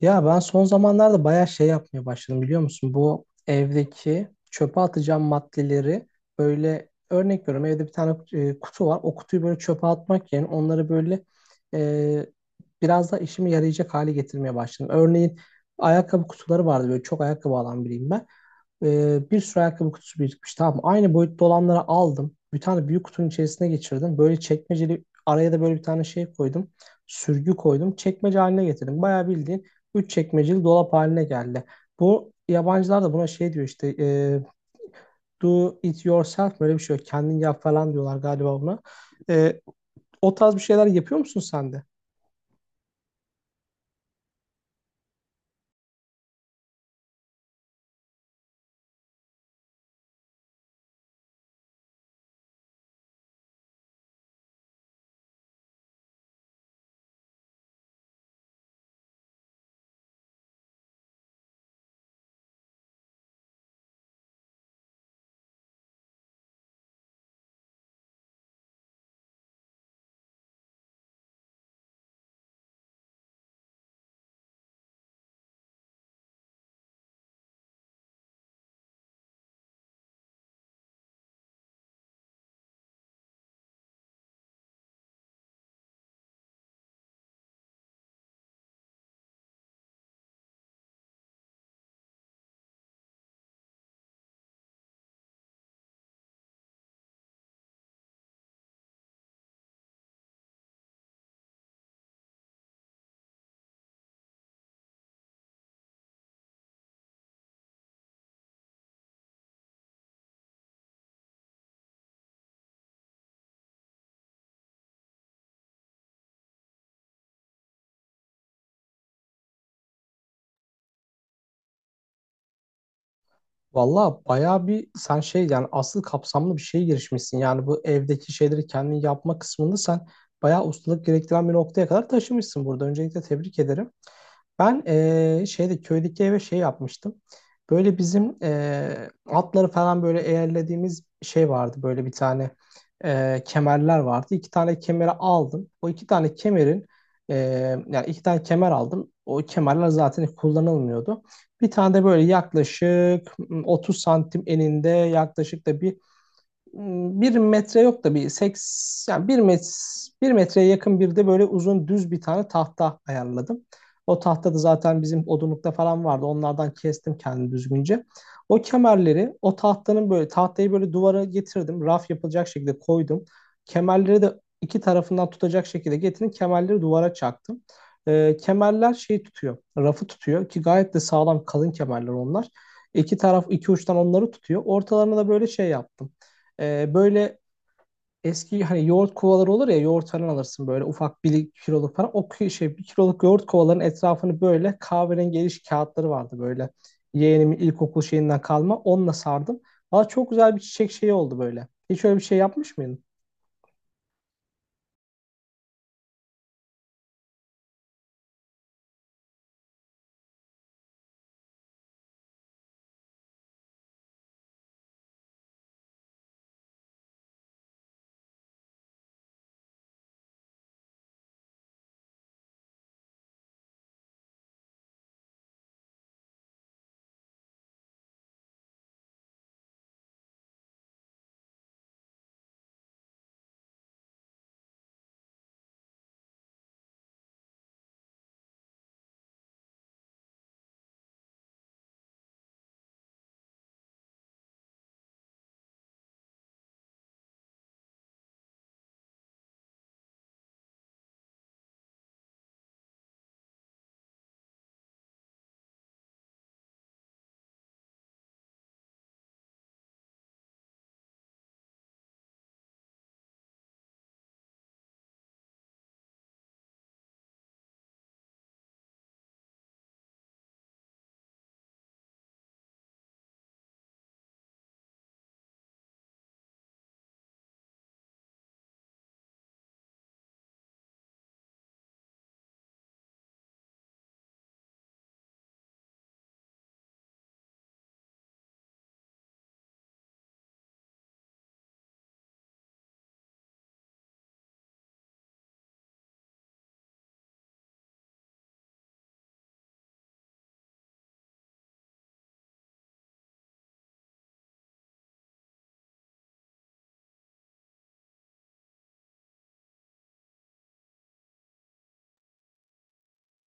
Ya ben son zamanlarda bayağı şey yapmaya başladım biliyor musun? Bu evdeki çöpe atacağım maddeleri böyle örnek veriyorum, evde bir tane kutu var. O kutuyu böyle çöpe atmak yerine onları böyle e, biraz da işime yarayacak hale getirmeye başladım. Örneğin ayakkabı kutuları vardı, böyle çok ayakkabı alan biriyim ben. Bir sürü ayakkabı kutusu birikmiş, tamam mı? Aynı boyutta olanları aldım. Bir tane büyük kutunun içerisine geçirdim. Böyle çekmeceli, araya da böyle bir tane şey koydum. Sürgü koydum. Çekmece haline getirdim. Bayağı bildiğin üç çekmeceli dolap haline geldi. Bu yabancılar da buna şey diyor işte, do it yourself, böyle bir şey, yok kendin yap falan diyorlar galiba buna. E, o tarz bir şeyler yapıyor musun sen de? Valla bayağı bir sen şey, yani asıl kapsamlı bir şeye girişmişsin. Yani bu evdeki şeyleri kendin yapma kısmında sen bayağı ustalık gerektiren bir noktaya kadar taşımışsın burada. Öncelikle tebrik ederim. Ben şeyde, köydeki eve şey yapmıştım. Böyle bizim atları falan böyle eğerlediğimiz şey vardı. Böyle bir tane kemerler vardı. İki tane kemeri aldım. O iki tane kemerin eee, yani iki tane kemer aldım. O kemerler zaten kullanılmıyordu. Bir tane de böyle yaklaşık 30 santim eninde, yaklaşık da bir metre yok da bir seks yani bir metreye yakın, bir de böyle uzun düz bir tane tahta ayarladım. O tahta da zaten bizim odunlukta falan vardı. Onlardan kestim kendimi düzgünce. O kemerleri, o tahtanın, böyle tahtayı böyle duvara getirdim. Raf yapılacak şekilde koydum. Kemerleri de iki tarafından tutacak şekilde getirdim. Kemerleri duvara çaktım. Kemerler şey tutuyor, rafı tutuyor ki gayet de sağlam kalın kemerler onlar. İki taraf, iki uçtan onları tutuyor. Ortalarına da böyle şey yaptım. Böyle eski, hani yoğurt kovaları olur ya, yoğurt falan alırsın böyle ufak bir kiloluk falan. O şey, bir kiloluk yoğurt kovalarının etrafını, böyle kahverengi eriş kağıtları vardı böyle. Yeğenimin ilkokul şeyinden kalma, onunla sardım. Valla çok güzel bir çiçek şeyi oldu böyle. Hiç öyle bir şey yapmış mıydın?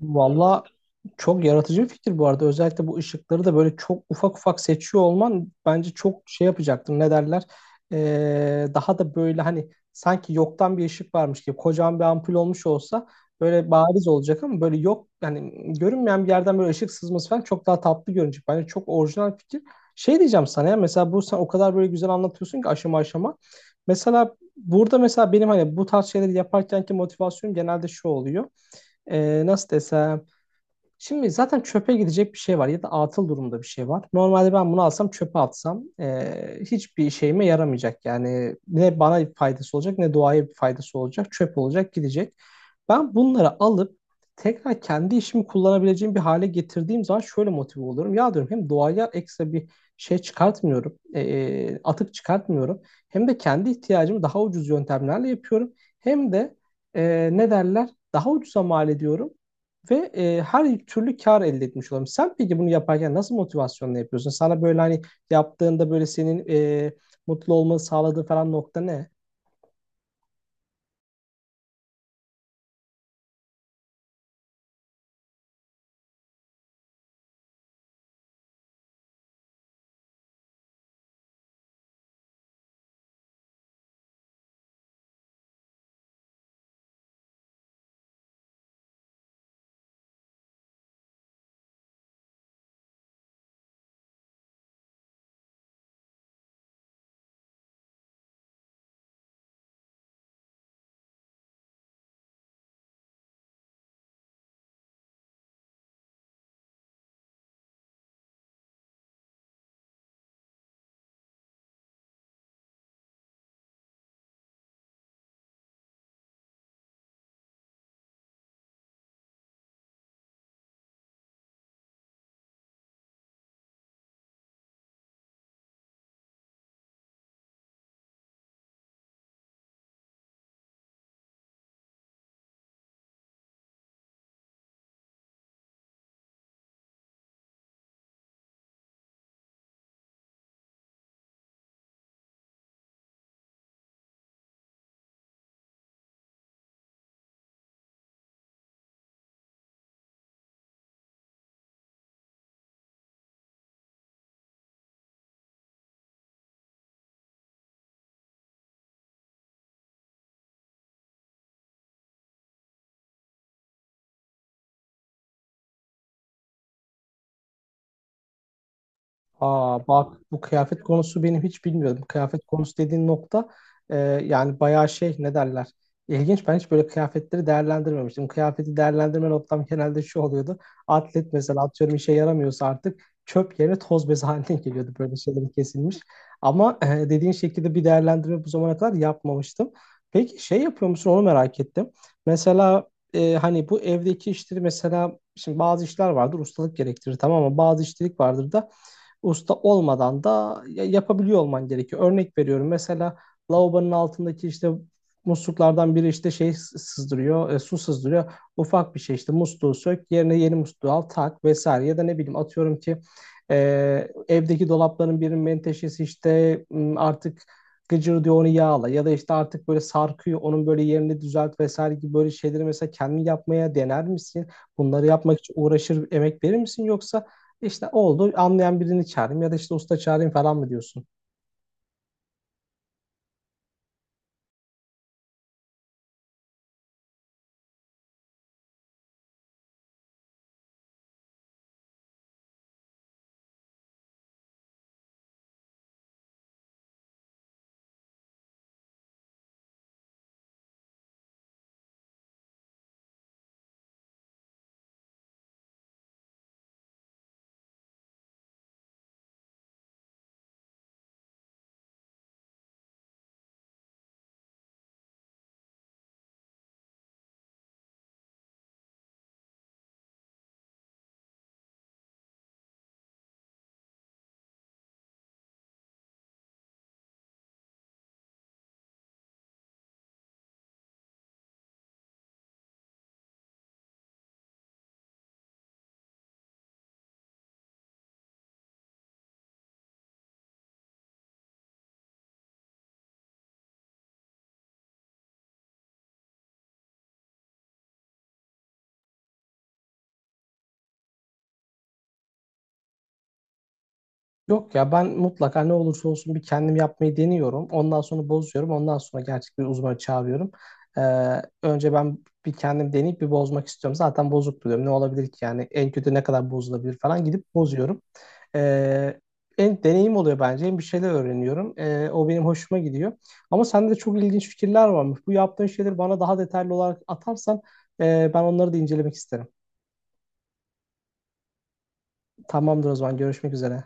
Valla, çok yaratıcı bir fikir bu arada. Özellikle bu ışıkları da böyle çok ufak ufak seçiyor olman bence çok şey yapacaktır. Ne derler? Daha da böyle hani, sanki yoktan bir ışık varmış gibi kocaman bir ampul olmuş olsa böyle bariz olacak, ama böyle yok, yani görünmeyen bir yerden böyle ışık sızması falan çok daha tatlı görünecek. Bence çok orijinal fikir. Şey diyeceğim sana, ya mesela bu, sen o kadar böyle güzel anlatıyorsun ki, aşama aşama. Mesela burada, mesela benim hani bu tarz şeyleri yaparkenki motivasyonum genelde şu oluyor. Nasıl desem, şimdi zaten çöpe gidecek bir şey var, ya da atıl durumda bir şey var. Normalde ben bunu alsam, çöpe atsam, hiçbir işime yaramayacak. Yani ne bana bir faydası olacak, ne doğaya bir faydası olacak. Çöp olacak, gidecek. Ben bunları alıp tekrar kendi işimi kullanabileceğim bir hale getirdiğim zaman şöyle motive oluyorum. Ya diyorum, hem doğaya ekstra bir şey çıkartmıyorum. Atık çıkartmıyorum. Hem de kendi ihtiyacımı daha ucuz yöntemlerle yapıyorum. Hem de ne derler, daha ucuza mal ediyorum. Ve her türlü kar elde etmiş olalım. Sen peki bunu yaparken nasıl motivasyonla yapıyorsun? Sana böyle hani yaptığında, böyle senin e, mutlu olmanı sağladığı falan nokta ne? Aa, bak bu kıyafet konusu benim, hiç bilmiyordum. Kıyafet konusu dediğin nokta, e, yani bayağı şey, ne derler. İlginç, ben hiç böyle kıyafetleri değerlendirmemiştim. Kıyafeti değerlendirme noktam genelde şu oluyordu. Atlet mesela, atıyorum işe yaramıyorsa artık çöp yerine toz bezi haline geliyordu böyle, şeylerin kesilmiş. Ama dediğin şekilde bir değerlendirme bu zamana kadar yapmamıştım. Peki şey yapıyor musun, onu merak ettim. Mesela hani bu evdeki işleri, mesela şimdi bazı işler vardır, ustalık gerektirir, tamam mı? Bazı işçilik vardır da usta olmadan da yapabiliyor olman gerekiyor. Örnek veriyorum, mesela lavabonun altındaki işte musluklardan biri işte şey, sızdırıyor, su sızdırıyor. Ufak bir şey işte, musluğu sök, yerine yeni musluğu al, tak vesaire. Ya da ne bileyim, atıyorum ki e, evdeki dolapların birinin menteşesi işte, artık gıcır diyor, onu yağla, ya da işte artık böyle sarkıyor, onun böyle yerini düzelt vesaire gibi, böyle şeyleri mesela kendin yapmaya dener misin? Bunları yapmak için uğraşır, emek verir misin, yoksa işte oldu, anlayan birini çağırayım, ya da işte usta çağırayım falan mı diyorsun? Yok ya, ben mutlaka ne olursa olsun bir kendim yapmayı deniyorum. Ondan sonra bozuyorum. Ondan sonra gerçek bir uzmanı çağırıyorum. Ee, önce ben bir kendim deneyip bir bozmak istiyorum. Zaten bozuk diyorum. Ne olabilir ki yani, en kötü ne kadar bozulabilir falan, gidip bozuyorum. Ee, en deneyim oluyor bence. Hem bir şeyler öğreniyorum. O benim hoşuma gidiyor. Ama sende de çok ilginç fikirler varmış. Bu yaptığın şeyleri bana daha detaylı olarak atarsan ben onları da incelemek isterim. Tamamdır, o zaman görüşmek üzere.